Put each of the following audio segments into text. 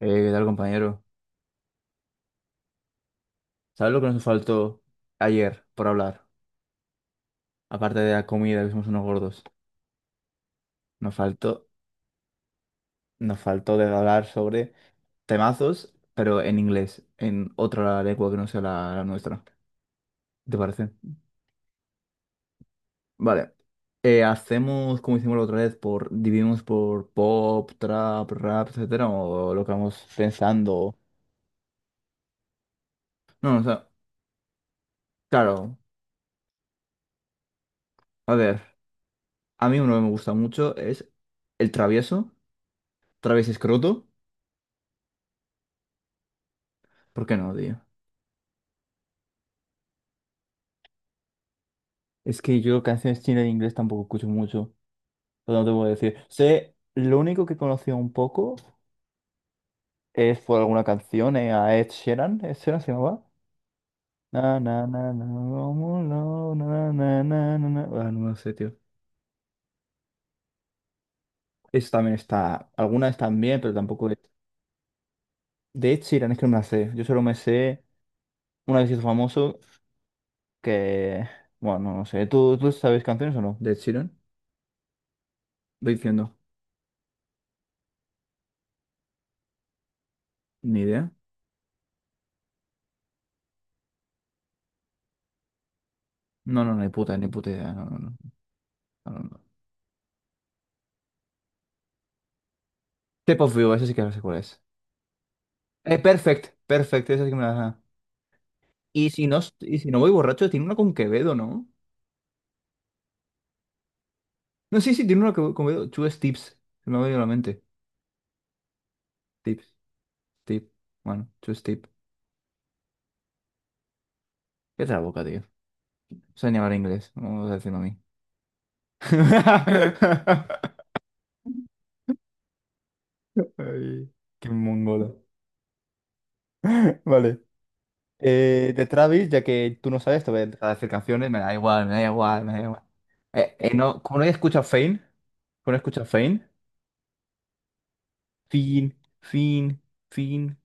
¿Qué tal, compañero? ¿Sabes lo que nos faltó ayer por hablar? Aparte de la comida, que somos unos gordos. Nos faltó, nos faltó de hablar sobre temazos, pero en inglés, en otra lengua que no sea la nuestra. ¿Te parece? Vale. ¿Hacemos como hicimos la otra vez? Por, ¿dividimos por pop, trap, rap, etcétera? ¿O lo que vamos pensando? No, o sea, claro. A ver, a mí uno que me gusta mucho es el travieso, travieso escroto. ¿Por qué no, tío? Es que yo canciones chinas en inglés tampoco escucho mucho, pero no te puedo decir. Sé, lo único que conocía un poco es por alguna canción a Ed Sheeran. ¿Ed Sheeran se llamaba? Na, na, na, na, como no, na, na, na, na, na. Ah, no lo sé, tío. Eso también está. Algunas están bien, pero tampoco es. De Ed Sheeran es que no me la sé. Yo solo me sé una vez hizo famoso que. Bueno, no sé. ¿Tú sabes canciones o no? De Ed Sheeran. Voy diciendo. Ni idea. No, no, no, ni puta, ni puta idea. No, no, no. No, no, no. Shape of You, ese sí que no sé cuál es. Perfect, Perfect, esa sí que me la... ajá. Y si no voy borracho, tiene una con Quevedo, ¿no? No, sí, sí, tiene una con Quevedo. Two Steps, se me ha venido a la mente. Tips, tip, bueno, two step. Qué la boca, tío. Sé ni hablar inglés, vamos a decirlo a mí. Ay, qué mongola. Vale. De Travis, ya que tú no sabes, te voy a dejar de hacer canciones, me da igual, me da igual, me da igual. No, como no he escuchado Fame, como no he escuchado Fame, Fin, fin, fin.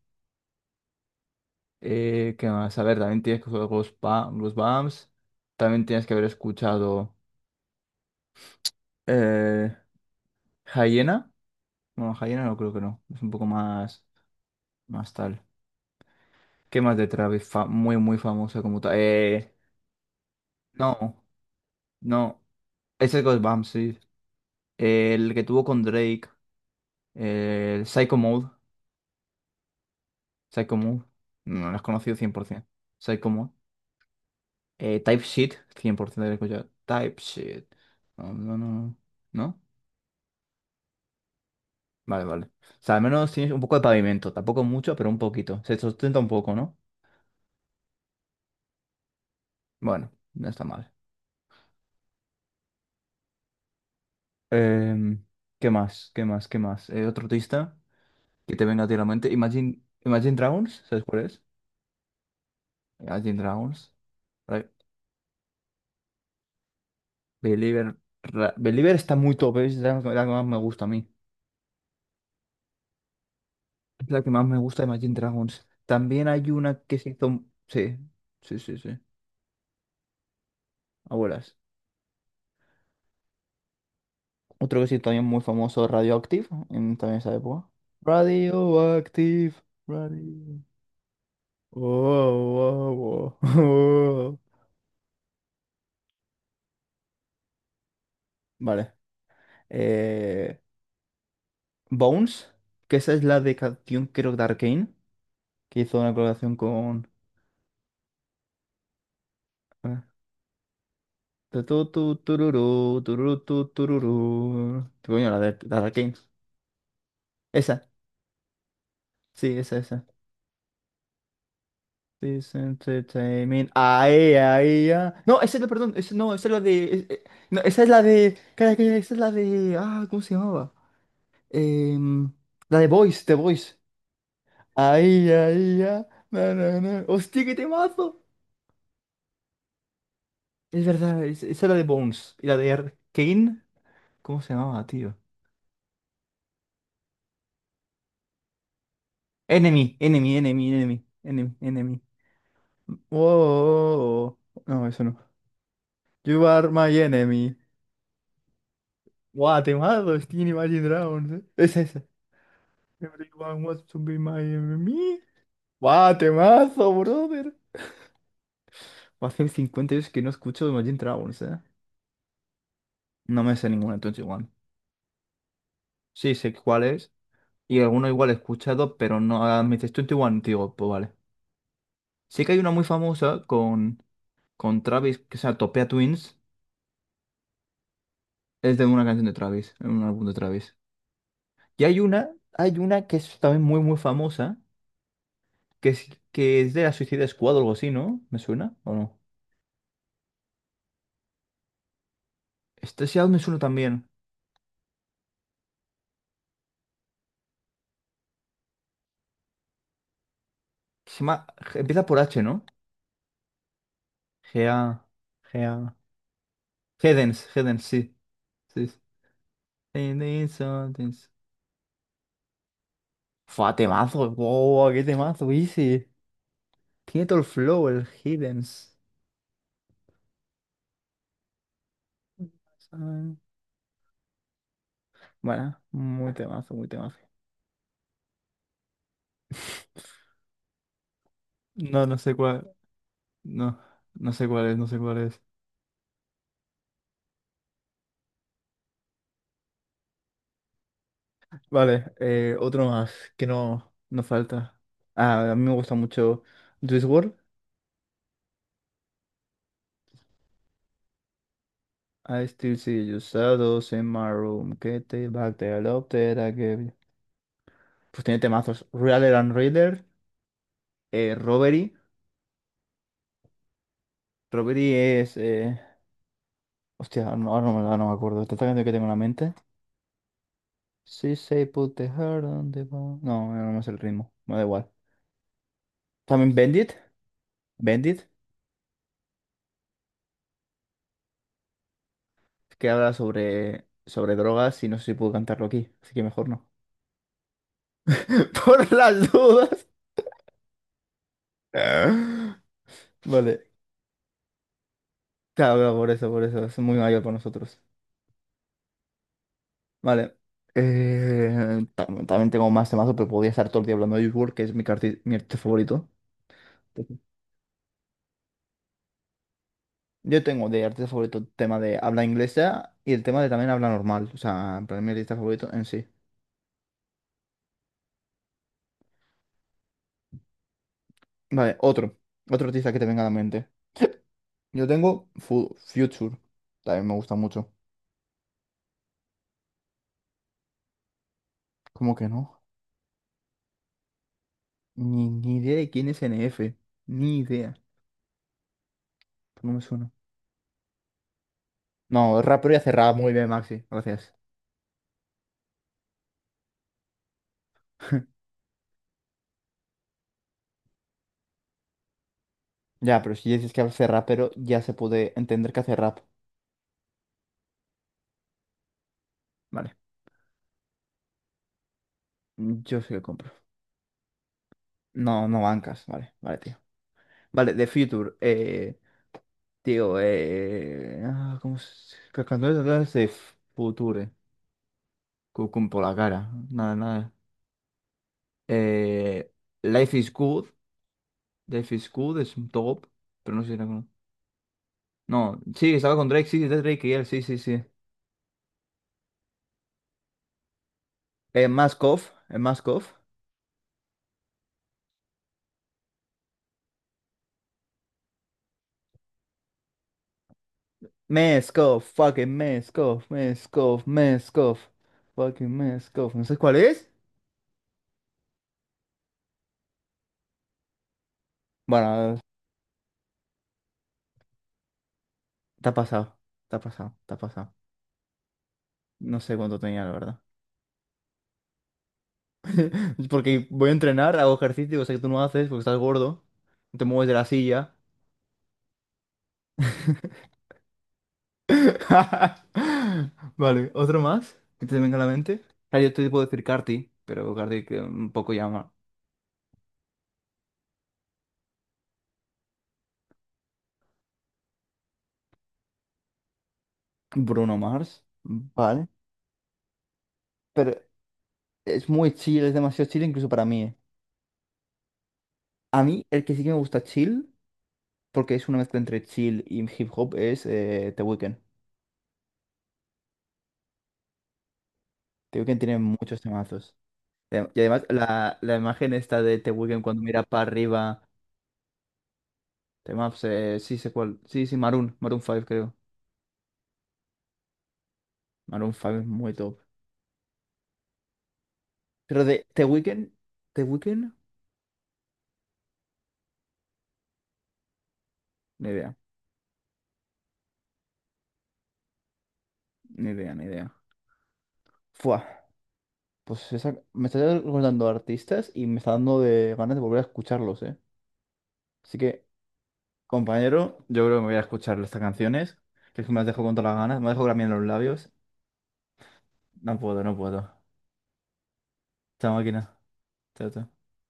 ¿Qué más? A ver, también tienes que jugar los, ba- los BAMs. También tienes que haber escuchado eh, Hyena. No, Hyena no creo que no. Es un poco más, más tal. ¿Qué más de Travis? Fa- muy, muy famosa como tal. No, no. Ese es Ghost Bump, sí. El que tuvo con Drake. El Psycho Mode. Psycho Mode. No, lo has conocido 100%. Psycho Mode. TypeScript, 100% de escuchado. TypeSheet. No, no, no. ¿No? Vale, vale. O sea, al menos tienes un poco de pavimento. Tampoco mucho, pero un poquito. Se sustenta un poco, ¿no? Bueno, no está mal. Em, ¿Qué más? ¿Qué más? ¿Qué más? Otro artista que te venga a ti a la mente. Imagine, Imagine Dragons, ¿sabes cuál es? Imagine Dragons. Right. Believer, Ra- Believer está muy top, ¿eh? Es la que más me gusta a mí. Es la que más me gusta de Imagine Dragons. También hay una que se hizo... Sí, sí, sí, sí. Abuelas. Otro que sí también muy famoso, Radioactive, en también esa época. Radioactive, radio. Oh, oh, oh, oh. Vale. Eh, Bones, que esa es la de canción, creo, de Arcane, que hizo una colaboración con. eh, tu, tu, tu, tururú, tururú. Tu, coño, la de Arcane. Esa, sí, esa, esa. This entertainment. Ay, ay, ay. No, esa es la, perdón, esa, no, esa es la de. Es- no, esa es la de. Calla, calla, esa es la de. Ah, ¿cómo se llamaba? Em, la de Voice, The Voice. Ay, ay, ay. No, no, no. Hostia, qué temazo. Es verdad, es- esa es la de Bones. Y la de R- Kane. ¿Cómo se llamaba, tío? Enemy, enemy, enemy, enemy, enemy, enemy. Oh, oh, oh, oh. No, eso no. You are my enemy. Guau, temazo, Steam Imagine Dragons. Es esa. Everyone wants to be my enemy. ¡Guau, temazo, brother! Hace 50 años que no escucho de Imagine Dragons, ¿eh? No me sé ninguna de 21. Sí, sé cuál es. Y alguno igual he escuchado, pero no. Me dices 21, digo, pues vale. Sí que hay una muy famosa con, Travis, que se llama Topia Twins. Es de una canción de Travis, en un álbum de Travis. Y hay una que es también muy, muy famosa, que es de la Suicide Squad o algo así, ¿no? ¿Me suena o no? Este sí me suena también. Se llama- empieza por H, ¿no? Gea. Gea. Hedens, Hedens, sí. Sí. Sí. Hedens, Hedens. Fua, temazo. Wow, qué temazo, easy. Tiene todo el flow, el Hedens. ¿Sabes? Bueno, muy temazo, muy temazo. No, no sé cuál. No, no sé cuál es, no sé cuál es. Vale, otro más que no, no falta. Ah, a mí me gusta mucho Juice WRLD. I still see you shadows in my room. Get the back, they adopted, I gave you. Pues tiene temazos. Real and Raider, Robbery. Robbery es. Hostia, no, ahora no me acuerdo. Tanta canción que tengo en la mente. Sí, say put the heart on the bone. No, no me sé el ritmo. Me da igual. También Bendit. Bendit, que habla sobre, drogas y no sé si puedo cantarlo aquí. Así que mejor no. Por las dudas. Vale. Claro, claro, por eso, por eso. Es muy mayor para nosotros. Vale. Tam- también tengo más temazos, pero podría estar todo el día hablando de Juice WRLD, que es mi, arti- mi artista favorito. Yo tengo de artista favorito el tema de habla inglesa y el tema de también habla normal. O sea, en plan, mi artista favorito en sí. Vale, otro. Otro artista que te venga a la mente. Yo tengo Fu- Future. También me gusta mucho. ¿Cómo que no? Ni idea de quién es N F. Ni idea. No me suena. No, es rapero y hace rap muy bien, Maxi. Gracias. Ya, pero si dices que hace rapero ya se puede entender que hace rap. Vale, yo sí lo compro. No, no bancas. Vale, vale, tío. Vale, The Future. Tío, ah, ¿cómo se...? ¿Qué canción es The Future? Cucum por la cara. Nada, nada. Eh, Life is Good. Life is Good es un top. Pero no sé si era con... No, sí, estaba con Drake. Sí, de Drake y él. Sí, sí, sí. Mask Off. Mask Off. Meskov, fucking Meskov, Meskov, Meskov, fucking Meskov. ¿No sabes cuál es? Bueno, está pasado, está pasado, está pasado. No sé cuánto tenía, la verdad. Porque voy a entrenar, hago ejercicio, cosa que tú no haces porque estás gordo, no te mueves de la silla. Vale, ¿otro más? ¿Que te venga a la mente? Claro, yo te puedo decir Carti, pero Carti que un poco llama. Bruno Mars, vale. Pero es muy chill, es demasiado chill incluso para mí, eh. A mí, el que sí que me gusta chill, porque es una mezcla entre chill y hip hop, es The Weeknd. The Weeknd tiene muchos temazos. Y además, la imagen esta de The Weeknd cuando mira para arriba, temazos, sí sé cuál. Sí, sí, Maroon, Maroon 5, creo. Maroon 5 es muy top. Pero de The Weeknd, The Weeknd, ni idea, ni idea, ni idea. Fua, pues esa- me está recordando artistas y me está dando de ganas de volver a escucharlos, ¿eh? Así que compañero, yo creo que me voy a escuchar estas canciones, que es que me las dejo con todas las ganas, me dejo también los labios. No puedo, no puedo. Chao, máquina. Chao, chao.